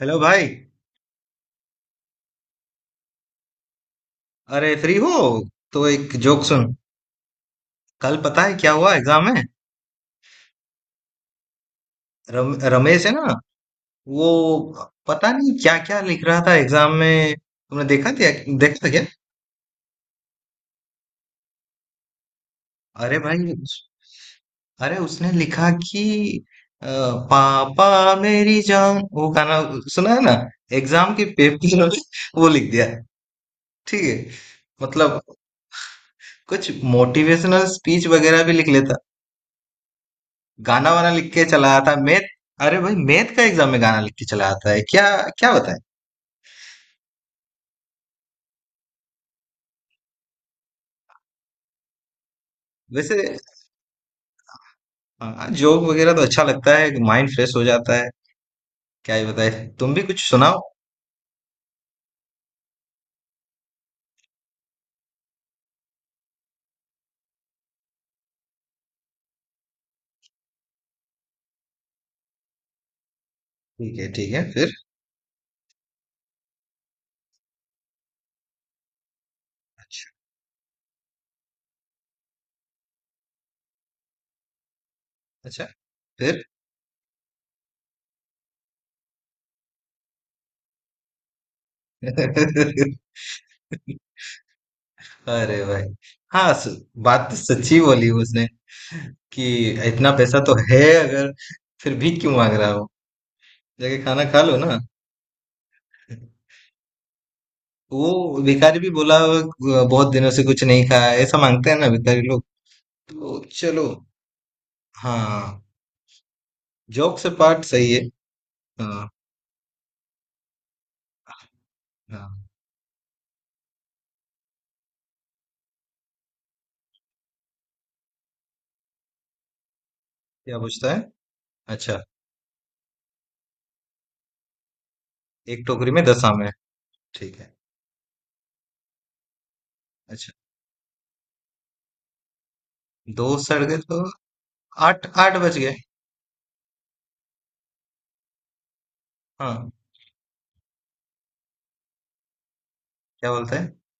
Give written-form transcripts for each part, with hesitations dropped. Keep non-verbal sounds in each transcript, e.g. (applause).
Hello भाई। अरे free हो तो एक जोक सुन। कल पता है क्या हुआ एग्जाम में। रमेश है ना, वो पता नहीं क्या क्या लिख रहा था एग्जाम में। तुमने देखा था? देखा था क्या? अरे भाई अरे उसने लिखा कि अ, पापा मेरी जान वो गाना सुना है ना, एग्जाम के पेपर में वो लिख दिया। ठीक है। मतलब कुछ मोटिवेशनल स्पीच वगैरह भी लिख लेता, गाना वाना लिख के चला आता है। मैथ, अरे भाई मैथ का एग्जाम में गाना लिख के चला आता है क्या? क्या बताएं। वैसे जोक वगैरह तो अच्छा लगता है, माइंड फ्रेश हो जाता है। क्या ही बताए। तुम भी कुछ सुनाओ। ठीक है ठीक है, फिर? अच्छा, फिर? (laughs) अरे भाई! हाँ बात तो सच्ची बोली उसने, कि इतना पैसा तो है अगर, फिर भीख क्यों मांग रहा हो? जाके खाना खा लो ना। वो भिखारी भी बोला, बहुत दिनों से कुछ नहीं खाया, ऐसा मांगते हैं ना भिखारी लोग। तो चलो।" हाँ, जॉक से पार्ट सही है। हाँ हाँ। क्या पूछता है? अच्छा, एक टोकरी में दस आम है। ठीक है। अच्छा, दो सड़ गए तो आठ आठ बच गए। हाँ। क्या बोलता है?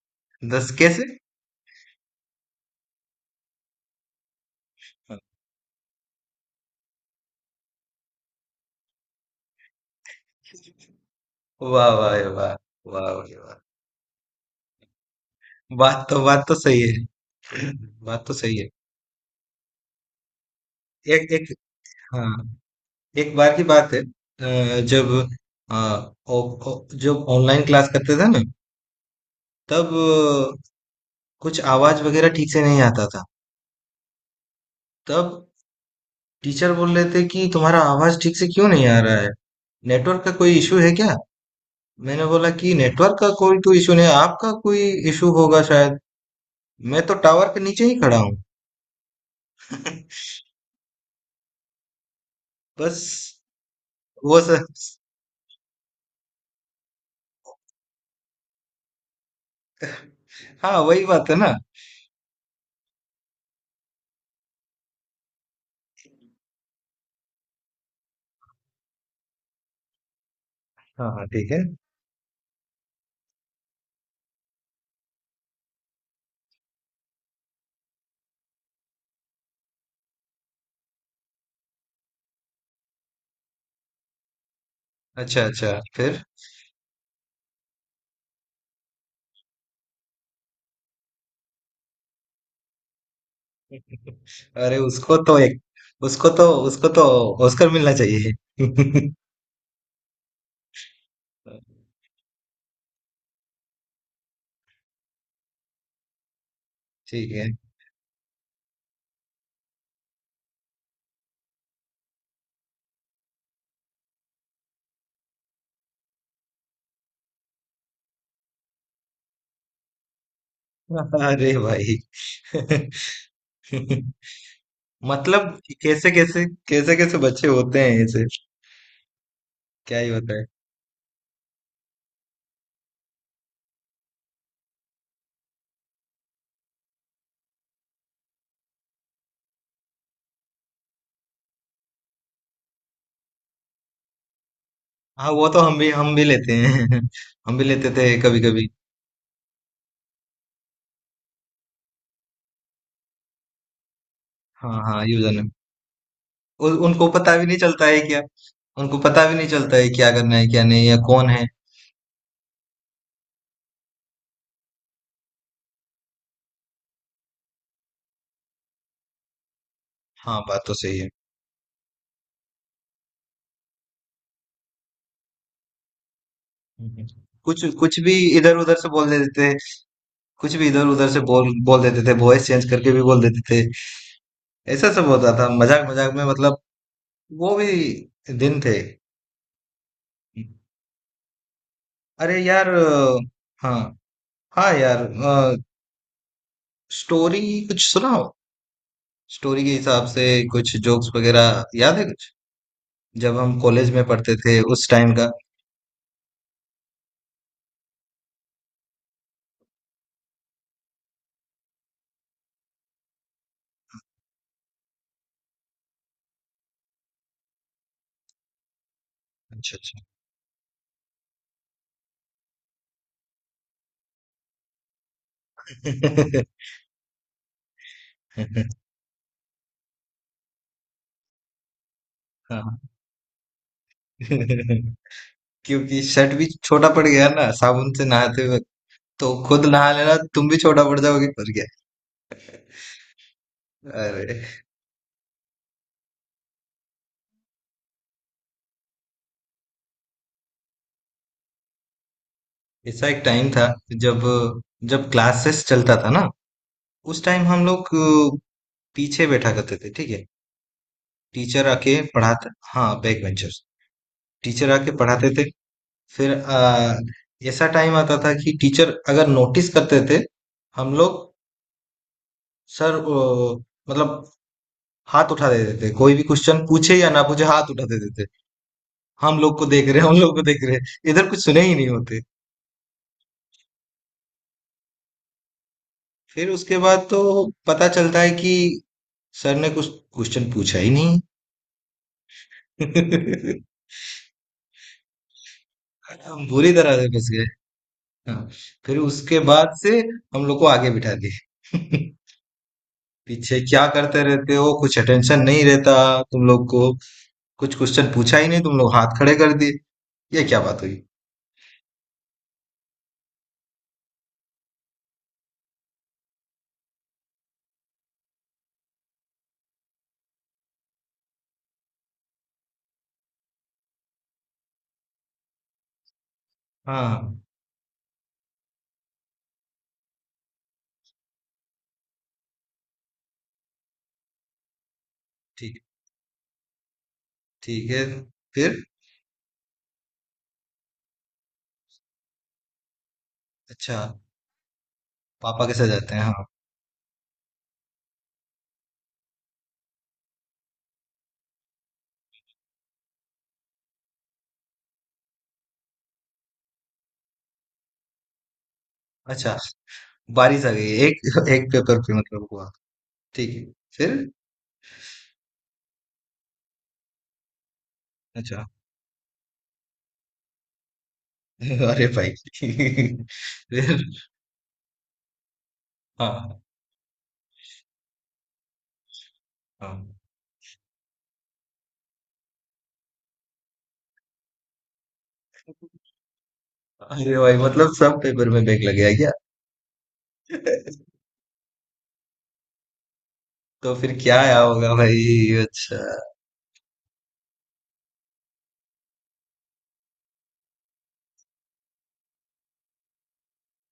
दस कैसे? हाँ, वाह वाह वाह। वाह वाह भाई वाह। बात तो सही है। (laughs) बात तो सही है। एक एक। हाँ। एक बार की बात है जब अ, ओ, ओ, जब ऑनलाइन क्लास करते थे ना, तब अ, कुछ आवाज वगैरह ठीक से नहीं आता था। तब टीचर बोल रहे थे कि तुम्हारा आवाज ठीक से क्यों नहीं आ रहा है, नेटवर्क का कोई इशू है क्या? मैंने बोला कि नेटवर्क का कोई तो इशू नहीं है, आपका कोई इशू होगा शायद। मैं तो टावर के नीचे ही खड़ा हूँ। (laughs) बस। वो सर। (laughs) हाँ वही बात है ना। हाँ हाँ ठीक है। अच्छा अच्छा, फिर? (laughs) अरे उसको तो एक, उसको तो ऑस्कर मिलना चाहिए। (laughs) ठीक है। अरे भाई। (laughs) मतलब कैसे कैसे कैसे कैसे बच्चे होते हैं ऐसे। क्या ही होता है। हाँ वो तो हम भी लेते हैं। (laughs) हम भी लेते थे कभी कभी। हाँ हाँ यूजर। उनको पता भी नहीं चलता है क्या? उनको पता भी नहीं चलता है क्या करना है क्या नहीं या कौन है। हाँ बात तो सही है। हम्म। कुछ कुछ भी इधर उधर से बोल देते थे। कुछ भी इधर उधर से बोल बोल देते थे, वॉइस चेंज करके भी बोल देते थे। ऐसा सब होता था, मजाक मजाक में। मतलब वो भी दिन थे। अरे यार हाँ हाँ यार। स्टोरी कुछ सुनाओ, स्टोरी के हिसाब से। कुछ जोक्स वगैरह याद है कुछ? जब हम कॉलेज में पढ़ते थे उस टाइम का। अच्छा, अच्छा। (laughs) हाँ। (laughs) क्योंकि शर्ट भी छोटा पड़ गया ना साबुन से नहाते वक्त। तो खुद नहा लेना, तुम भी छोटा पड़ जाओगे, पड़ गया। अरे। ऐसा एक टाइम था, जब जब क्लासेस चलता था ना, उस टाइम हम लोग पीछे बैठा करते थे ठीक है। टीचर आके पढ़ाते, हाँ बैक बेंचर्स। टीचर आके पढ़ाते थे। फिर ऐसा टाइम आता था कि टीचर अगर नोटिस करते थे हम लोग। सर मतलब हाथ उठा देते थे, कोई भी क्वेश्चन पूछे या ना पूछे हाथ उठा देते थे। हम लोग को देख रहे हैं हम लोग को देख रहे हैं इधर, कुछ सुने ही नहीं होते। फिर उसके बाद तो पता चलता है कि सर ने कुछ क्वेश्चन पूछा ही नहीं। (laughs) हम बुरी तरह से फंस गए। हाँ, फिर उसके बाद से हम लोग को आगे बिठा दिए। (laughs) पीछे क्या करते रहते हो, कुछ अटेंशन नहीं रहता तुम लोग को, कुछ क्वेश्चन पूछा ही नहीं तुम लोग हाथ खड़े कर दिए, ये क्या बात हुई। हाँ ठीक ठीक है, फिर? अच्छा, पापा कैसे जाते हैं? हाँ। अच्छा, बारिश आ गई, एक एक पेपर पे मतलब हुआ। ठीक है, फिर? अच्छा। (laughs) अरे भाई! (laughs) फिर? हाँ हाँ। अरे भाई मतलब सब पेपर में बैग लग गया क्या? (laughs) तो फिर क्या आया होगा भाई। अच्छा।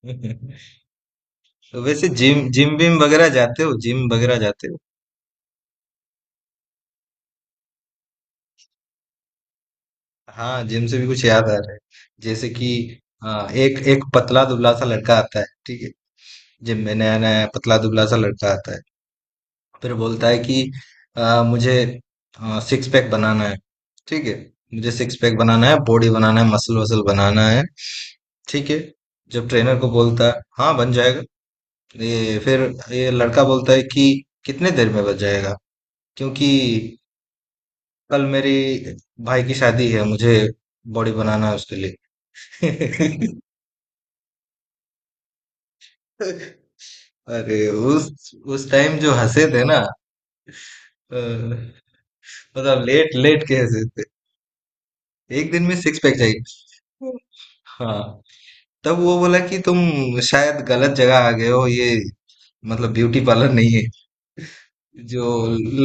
(laughs) तो वैसे जिम जिम विम वगैरह जाते हो? जिम वगैरह जाते हो? हाँ जिम से भी कुछ याद आ रहा है, जैसे कि हाँ, एक एक पतला दुबला सा लड़का आता है ठीक है। जिम में नया नया पतला दुबला सा लड़का आता है। फिर बोलता है कि मुझे सिक्स पैक बनाना है ठीक है। मुझे सिक्स पैक बनाना है, बॉडी बनाना है, मसल वसल बनाना है ठीक है। जब ट्रेनर को बोलता है हाँ बन जाएगा। ये फिर, ये लड़का बोलता है कि कितने देर में बन जाएगा? क्योंकि कल मेरी भाई की शादी है, मुझे बॉडी बनाना है उसके लिए। (laughs) अरे उस टाइम जो हंसे थे ना, अ, मतलब लेट लेट के हंसे थे। एक दिन में सिक्स पैक चाहिए। हाँ, तब वो बोला कि तुम शायद गलत जगह आ गए हो, ये मतलब ब्यूटी पार्लर नहीं है, जो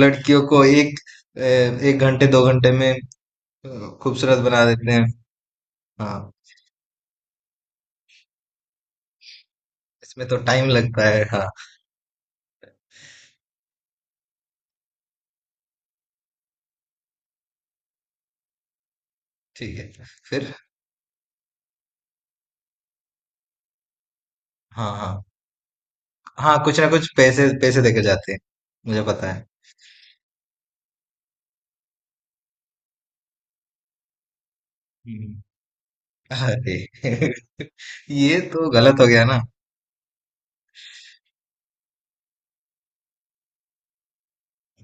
लड़कियों को एक एक घंटे दो घंटे में अ, खूबसूरत बना देते हैं। हाँ, इसमें तो टाइम लगता है। हाँ ठीक है, फिर? हाँ हाँ हाँ। कुछ ना कुछ पैसे पैसे देके जाते हैं, मुझे पता है। अरे। (laughs) ये तो गलत हो गया ना।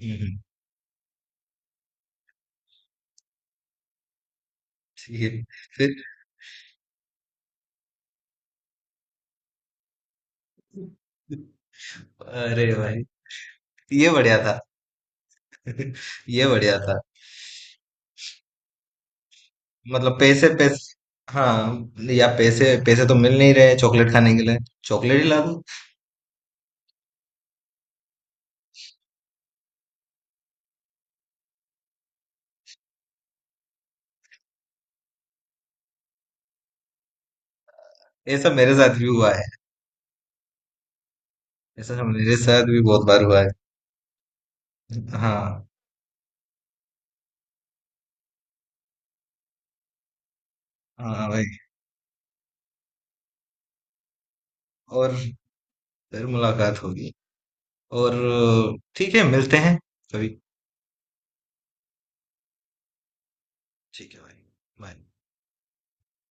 हम्म। ये फिर? अरे भाई। ये बढ़िया था। (laughs) ये बढ़िया था। मतलब पैसे पैसे, हाँ, या पैसे पैसे तो मिल नहीं रहे चॉकलेट खाने के लिए, चॉकलेट ही ला दो। ऐसा मेरे साथ भी हुआ है। ऐसा मेरे साथ भी बहुत बार हुआ है। हाँ। हाँ भाई। और फिर मुलाकात होगी। और ठीक है, मिलते हैं कभी। ठीक है भाई। बाय।